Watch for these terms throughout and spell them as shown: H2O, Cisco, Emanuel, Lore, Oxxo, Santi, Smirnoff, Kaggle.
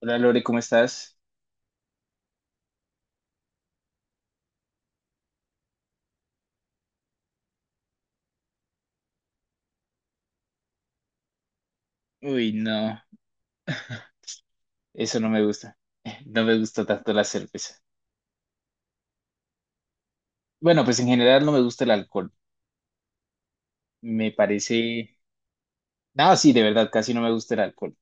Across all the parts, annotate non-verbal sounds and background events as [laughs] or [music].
Hola Lore, ¿cómo estás? Uy, no, eso no me gusta. [laughs] No me gusta tanto la cerveza. Bueno, pues en general no me gusta el alcohol. Me parece. No, sí, de verdad, casi no me gusta el alcohol.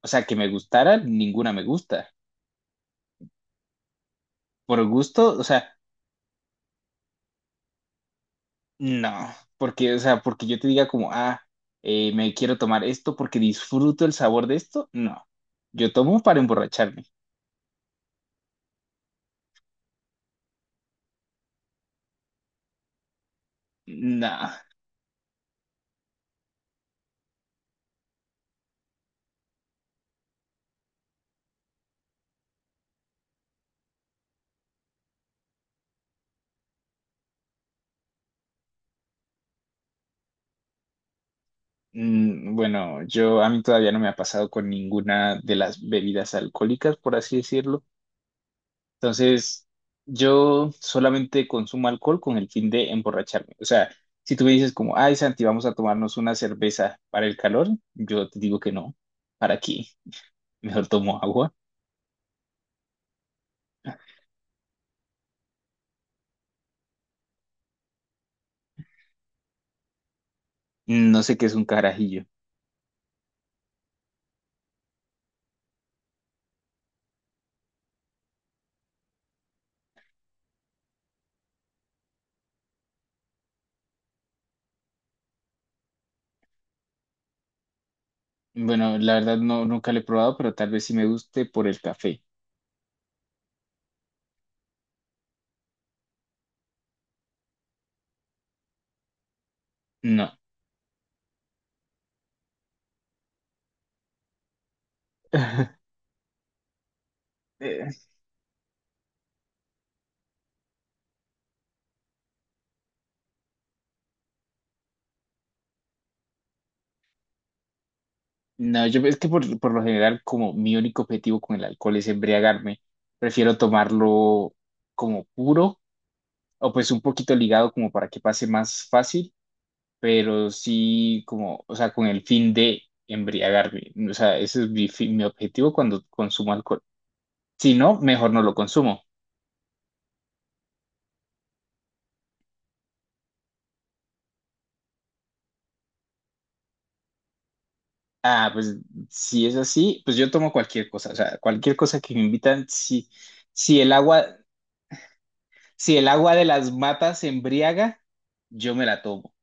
O sea, que me gustara, ninguna me gusta. Por gusto, o sea, no. Porque, o sea, porque yo te diga como, ah, me quiero tomar esto porque disfruto el sabor de esto, no. Yo tomo para emborracharme. No. Bueno, yo a mí todavía no me ha pasado con ninguna de las bebidas alcohólicas, por así decirlo. Entonces, yo solamente consumo alcohol con el fin de emborracharme. O sea, si tú me dices como, ay, Santi, vamos a tomarnos una cerveza para el calor, yo te digo que no. ¿Para qué? [laughs] Mejor tomo agua. No sé qué es un carajillo. Bueno, la verdad no, nunca lo he probado, pero tal vez sí me guste por el café. No. [laughs] No, yo es que por lo general, como mi único objetivo con el alcohol es embriagarme, prefiero tomarlo como puro o pues un poquito ligado como para que pase más fácil, pero sí como, o sea, con el fin de embriagarme. O sea, ese es mi objetivo cuando consumo alcohol. Si no, mejor no lo consumo. Ah, pues si es así, pues yo tomo cualquier cosa, o sea, cualquier cosa que me invitan, si el agua, si el agua de las matas embriaga, yo me la tomo.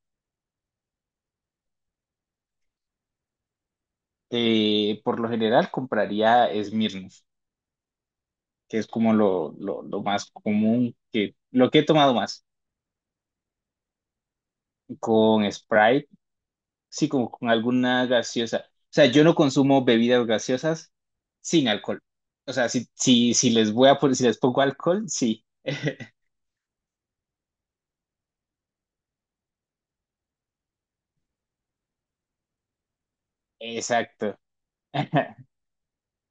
Por lo general compraría Smirnoff, que es como lo más común lo que he tomado más, con Sprite, sí, como con alguna gaseosa. O sea, yo no consumo bebidas gaseosas sin alcohol. O sea, si, si, si les voy a poner, si les pongo alcohol, sí. [laughs] Exacto, [laughs]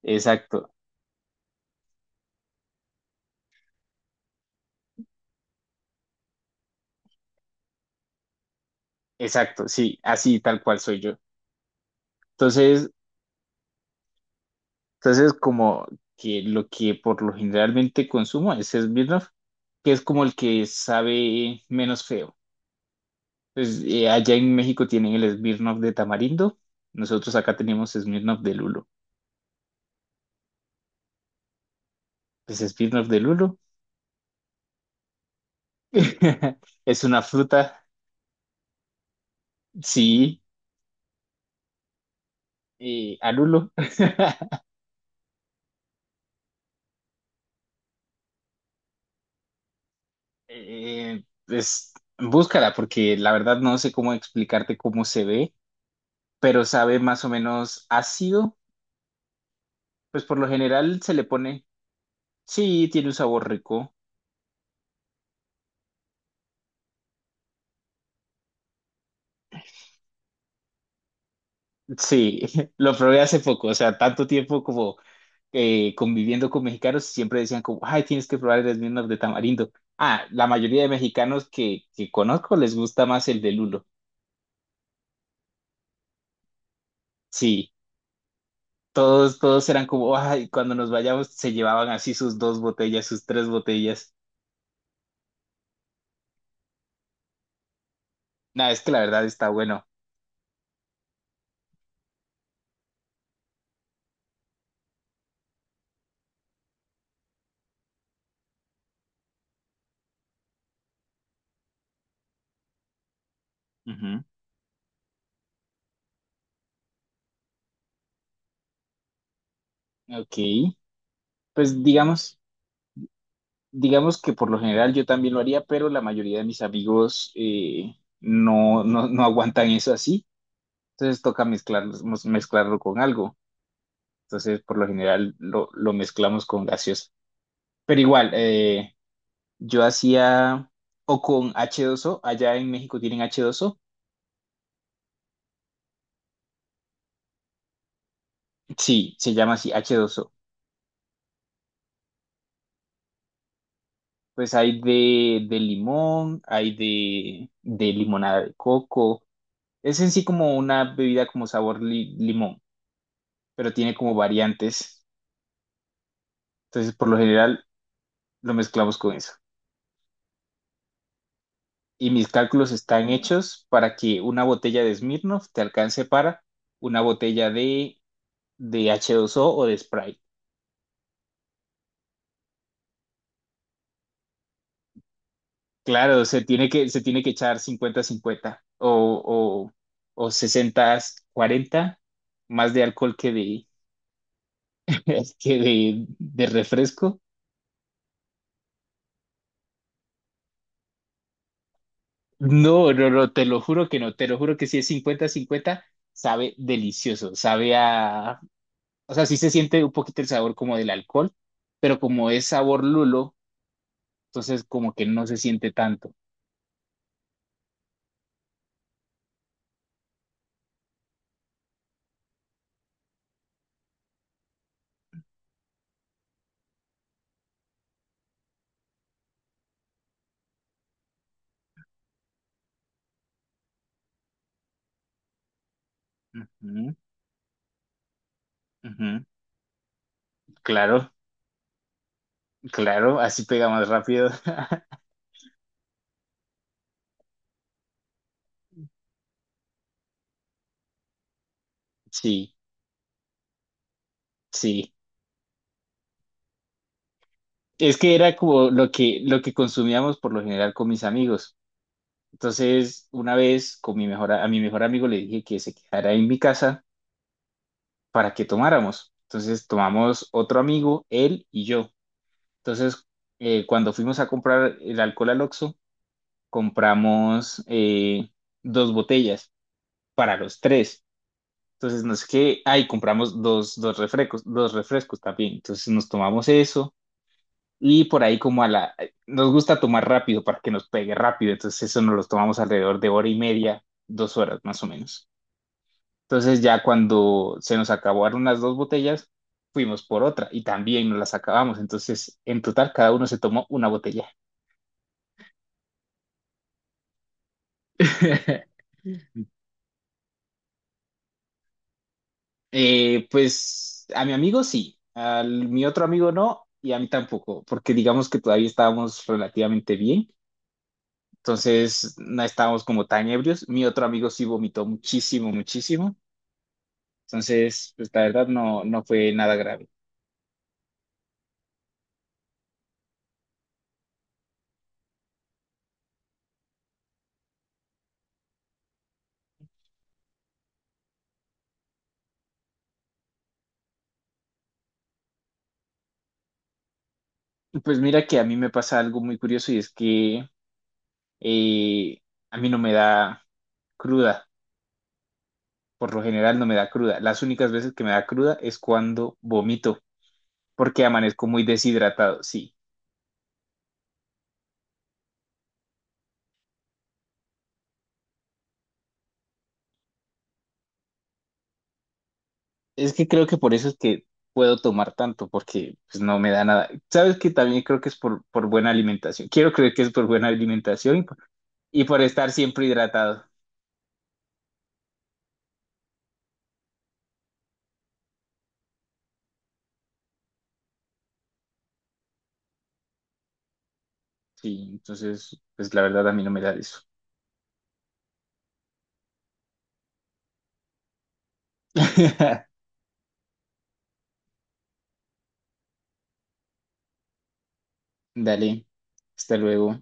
exacto, exacto, sí, así tal cual soy yo. Entonces, Entonces, como que lo que por lo generalmente consumo es Smirnoff, que es como el que sabe menos feo. Pues, allá en México tienen el Smirnoff de tamarindo, nosotros acá tenemos Smirnoff de lulo. Pues Smirnoff de lulo [laughs] es una fruta, sí, a lulo. [laughs] Pues búscala, porque la verdad no sé cómo explicarte cómo se ve, pero sabe más o menos ácido. Pues por lo general se le pone. Sí, tiene un sabor rico. Sí, [laughs] lo probé hace poco, o sea, tanto tiempo como conviviendo con mexicanos, siempre decían como, ay, tienes que probar el Smirnoff de tamarindo. Ah, la mayoría de mexicanos que conozco les gusta más el de lulo. Sí, todos eran como, ay, cuando nos vayamos se llevaban así sus dos botellas, sus tres botellas. Nada, es que la verdad está bueno. Ujú. Ok, pues digamos. Digamos que por lo general yo también lo haría, pero la mayoría de mis amigos no aguantan eso así. Entonces toca mezclarlo, mezclarlo con algo. Entonces por lo general lo mezclamos con gaseosa. Pero igual, yo hacía o con H2O allá en México tienen H2O. Sí, se llama así, H2O. Pues hay de limón, hay de limonada de coco. Es en sí como una bebida como sabor limón, pero tiene como variantes. Entonces, por lo general, lo mezclamos con eso. Y mis cálculos están hechos para que una botella de Smirnoff te alcance para una botella de H2O o de Sprite. Claro, se tiene que echar 50-50 o 60-40 más de alcohol [laughs] que de refresco. No, no, no, te lo juro que no, te lo juro que si es 50-50 sabe delicioso, sabe a o sea, sí se siente un poquito el sabor como del alcohol, pero como es sabor lulo, entonces como que no se siente tanto. Ujú, ujú. Claro, claro, así pega más rápido. [laughs] Sí, sí. Es que era como lo que consumíamos por lo general con mis amigos. Entonces, una vez con mi mejor, a mi mejor amigo le dije que se quedara en mi casa para que tomáramos. Entonces, tomamos otro amigo, él y yo. Entonces, cuando fuimos a comprar el alcohol al Oxxo, compramos dos botellas para los tres. Entonces, no es que, ay, compramos dos refrescos, dos refrescos también. Entonces, nos tomamos eso y por ahí como nos gusta tomar rápido para que nos pegue rápido. Entonces, eso nos los tomamos alrededor de hora y media, 2 horas más o menos. Entonces, ya cuando se nos acabaron las dos botellas, fuimos por otra y también nos las acabamos. Entonces, en total, cada uno se tomó una botella. [laughs] Pues a mi amigo sí, a mi otro amigo no y a mí tampoco, porque digamos que todavía estábamos relativamente bien, entonces no estábamos como tan ebrios. Mi otro amigo sí vomitó muchísimo, muchísimo, entonces pues la verdad no, no fue nada grave. Pues mira que a mí me pasa algo muy curioso y es que eh, a mí no me da cruda, por lo general no me da cruda. Las únicas veces que me da cruda es cuando vomito, porque amanezco muy deshidratado, sí. Es que creo que por eso es que puedo tomar tanto, porque pues, no me da nada. Sabes que también creo que es por buena alimentación. Quiero creer que es por buena alimentación y y por estar siempre hidratado. Sí, entonces, pues la verdad a mí no me da eso. [laughs] Dale, hasta luego.